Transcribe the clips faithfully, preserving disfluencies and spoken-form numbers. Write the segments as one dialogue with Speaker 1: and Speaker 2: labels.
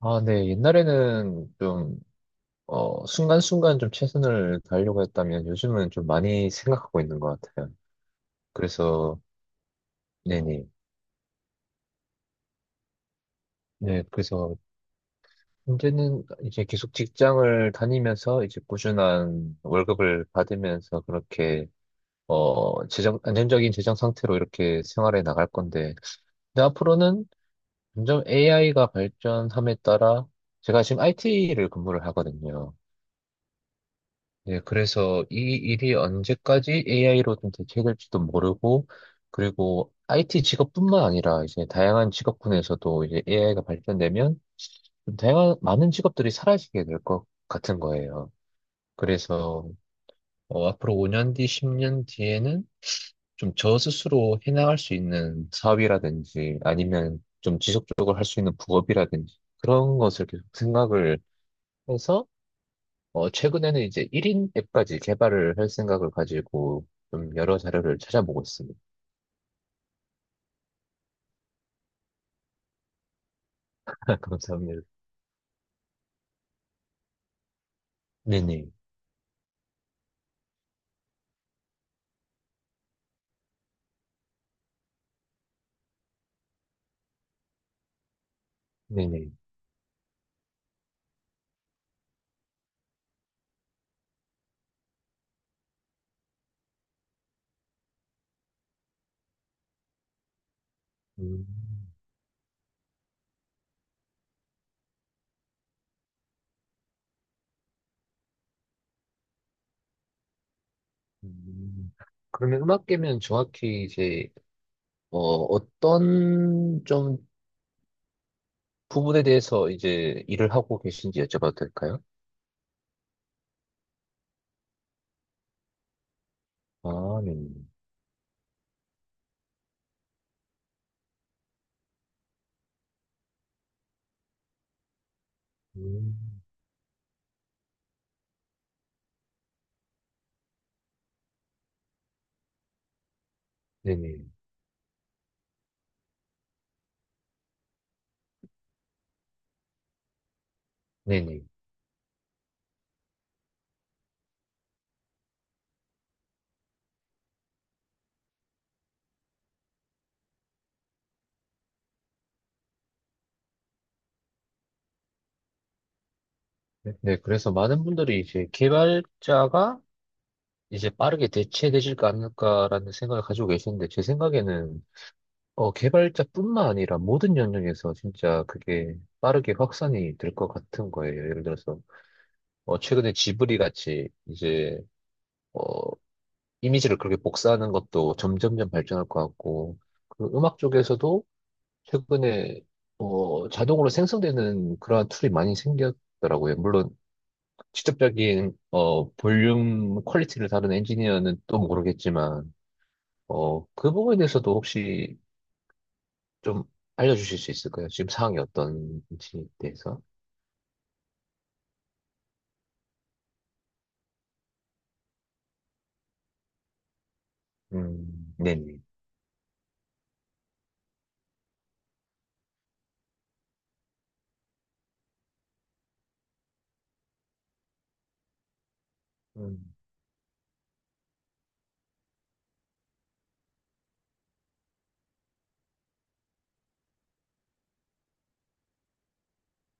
Speaker 1: 아, 네. 옛날에는 좀, 어, 순간순간 좀 최선을 다하려고 했다면 요즘은 좀 많이 생각하고 있는 것 같아요. 그래서, 네네. 네. 그래서 이제는 이제 계속 직장을 다니면서 이제 꾸준한 월급을 받으면서 그렇게, 어, 재정, 안정적인 재정 상태로 이렇게 생활해 나갈 건데, 근데 앞으로는 점점 에이아이가 발전함에 따라 제가 지금 아이티를 근무를 하거든요. 네, 그래서 이 일이 언제까지 에이아이로 좀 대체될지도 모르고, 그리고 아이티 직업뿐만 아니라 이제 다양한 직업군에서도 이제 에이아이가 발전되면 좀 다양한 많은 직업들이 사라지게 될 것 같은 거예요. 그래서 어, 앞으로 오 년 뒤, 십 년 뒤에는 좀 저 스스로 해나갈 수 있는 사업이라든지 아니면 좀 지속적으로 할 수 있는 부업이라든지 그런 것을 계속 생각을 해서 어, 최근에는 이제 일 인 앱까지 개발을 할 생각을 가지고 좀 여러 자료를 찾아보고 있습니다. 감사합니다. 네네. 네네. 음, 음. 그러면 음악계면 정확히 이제, 어, 어떤 좀 부분에 대해서 이제 일을 하고 계신지 여쭤봐도 될까요? 아, 네네. 음, 네네. 네네. 네, 그래서 많은 분들이 이제 개발자가 이제 빠르게 대체되질까 않을까라는 생각을 가지고 계시는데, 제 생각에는 어, 개발자뿐만 아니라 모든 영역에서 진짜 그게 빠르게 확산이 될 것 같은 거예요. 예를 들어서, 어, 최근에 지브리 같이 이제, 어, 이미지를 그렇게 복사하는 것도 점점점 발전할 것 같고, 그 음악 쪽에서도 최근에, 어, 자동으로 생성되는 그러한 툴이 많이 생겼더라고요. 물론, 직접적인, 어, 볼륨 퀄리티를 다룬 엔지니어는 또 모르겠지만, 어, 그 부분에서도 혹시 좀 알려주실 수 있을까요? 지금 상황이 어떤지 대해서? 음, 네네. 음,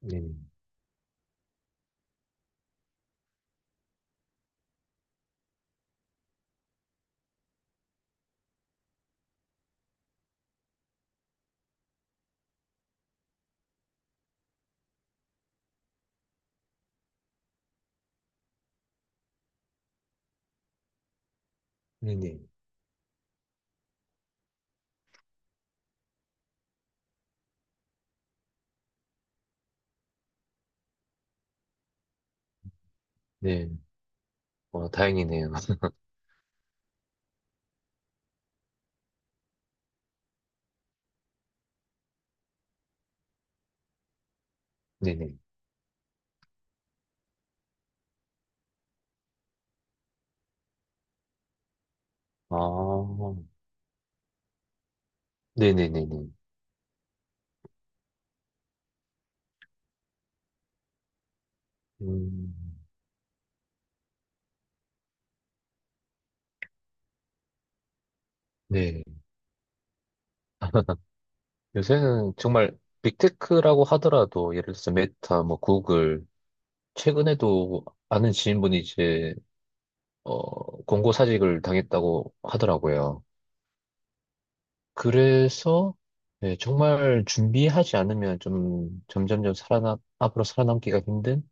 Speaker 1: 네네. 네네. 네, 와, 다행이네요. 네네. 아, 네네네네. 음, 네. 요새는 정말 빅테크라고 하더라도 예를 들어서 메타, 뭐 구글, 최근에도 아는 지인분이 이제 어, 공고사직을 당했다고 하더라고요. 그래서 네, 정말 준비하지 않으면 좀 점점점 살아남, 앞으로 살아남기가 힘든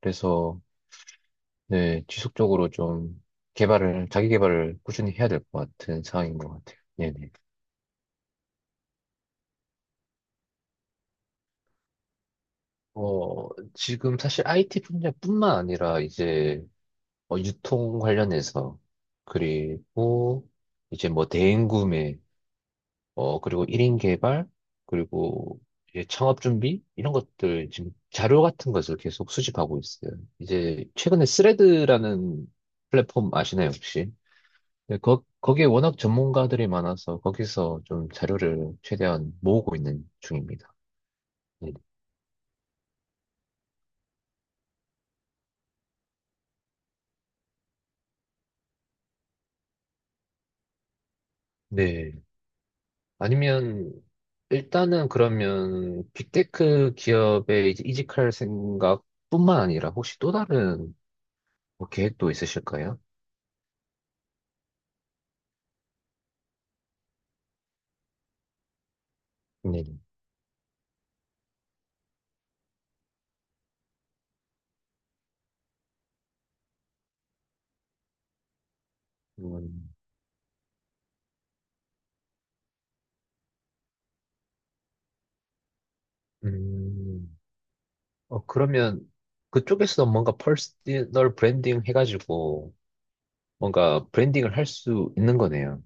Speaker 1: 그래서 네, 지속적으로 좀 개발을 자기 개발을 꾸준히 해야 될 것 같은 상황인 것 같아요. 네네. 어, 지금 사실 아이티 분야뿐만 아니라 이제 어, 유통 관련해서 그리고 이제 뭐 대행구매 어, 그리고 일 인 개발, 그리고 이제 창업 준비, 이런 것들, 지금 자료 같은 것을 계속 수집하고 있어요. 이제 최근에 스레드라는 플랫폼 아시나요, 혹시? 네, 거, 거기에 워낙 전문가들이 많아서 거기서 좀 자료를 최대한 모으고 있는 중입니다. 네. 네. 아니면, 일단은 그러면 빅테크 기업에 이제 이직할 생각뿐만 아니라 혹시 또 다른 뭐 계획도 있으실까요? 네. 음, 음, 어, 그러면 그쪽에서 뭔가 퍼스널 브랜딩 해가지고 뭔가 브랜딩을 할 수 있는 거네요.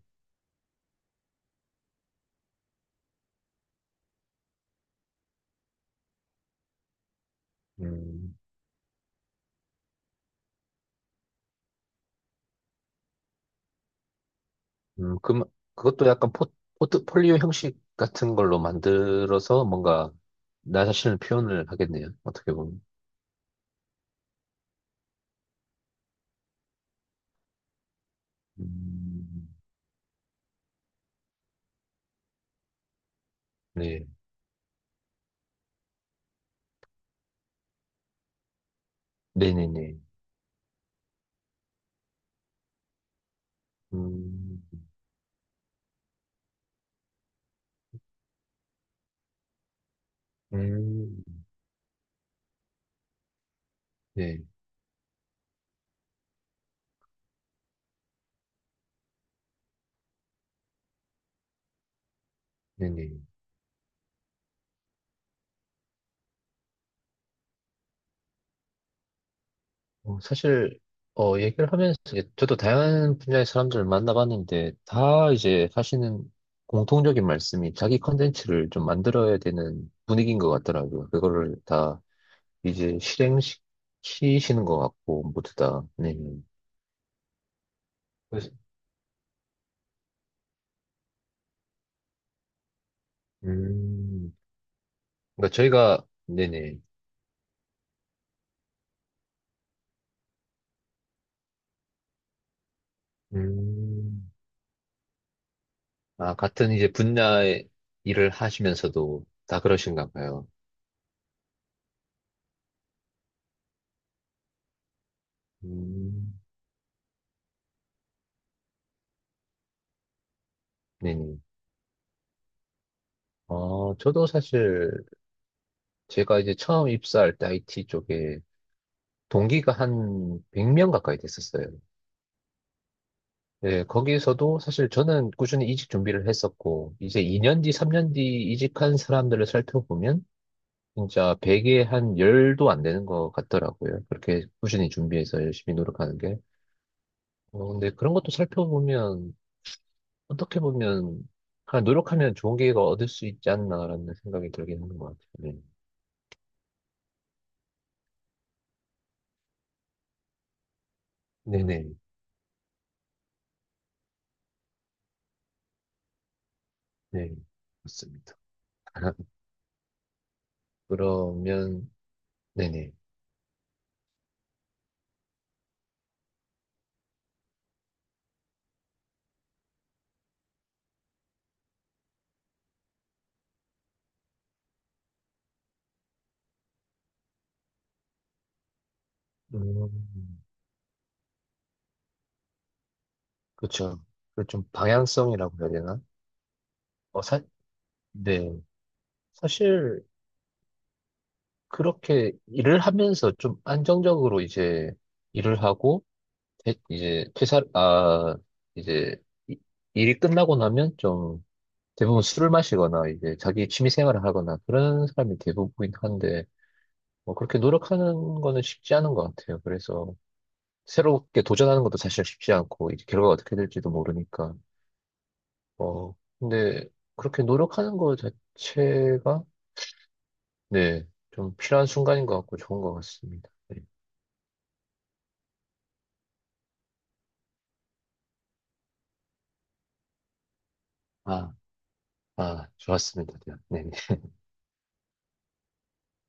Speaker 1: 음, 음, 그, 그것도 약간 포, 포트폴리오 형식 같은 걸로 만들어서 뭔가 나 자신을 표현을 하겠네요. 어떻게 보면. 음, 네, 네네네. 음, 음, 네, 네네. 어, 사실 어, 얘기를 하면서 이제 저도 다양한 분야의 사람들을 만나봤는데 다 이제 하시는 공통적인 말씀이 자기 컨텐츠를 좀 만들어야 되는 분위기인 것 같더라고요. 그거를 다 이제 실행시키시는 것 같고 모두 다. 네. 그래서 음, 그러니까 저희가 네네. 음, 아 같은 이제 분야의 일을 하시면서도 다 그러신가 봐요. 음, 네네. 어, 저도 사실 제가 이제 처음 입사할 때 아이티 쪽에 동기가 한 백 명 가까이 됐었어요. 예, 거기에서도 사실 저는 꾸준히 이직 준비를 했었고, 이제 이 년 뒤, 삼 년 뒤 이직한 사람들을 살펴보면, 진짜 백에 한 십도 안 되는 것 같더라고요. 그렇게 꾸준히 준비해서 열심히 노력하는 게. 어, 근데 그런 것도 살펴보면, 어떻게 보면, 그냥 노력하면 좋은 기회가 얻을 수 있지 않나라는 생각이 들긴 하는 것 같아요. 네. 네네. 네. 맞습니다. 그러면, 네네. 음, 그쵸. 그좀 방향성이라고 해야 되나? 어, 사, 네. 사실, 그렇게 일을 하면서 좀 안정적으로 이제 일을 하고, 퇴- 이제 퇴사, 아, 이제 이- 일이 끝나고 나면 좀 대부분 술을 마시거나 이제 자기 취미 생활을 하거나 그런 사람이 대부분이긴 한데, 뭐 그렇게 노력하는 거는 쉽지 않은 것 같아요. 그래서 새롭게 도전하는 것도 사실 쉽지 않고, 이제 결과가 어떻게 될지도 모르니까. 어, 근데 그렇게 노력하는 거 자체가, 네, 좀 필요한 순간인 것 같고 좋은 것 같습니다. 네. 아, 아, 좋았습니다. 네.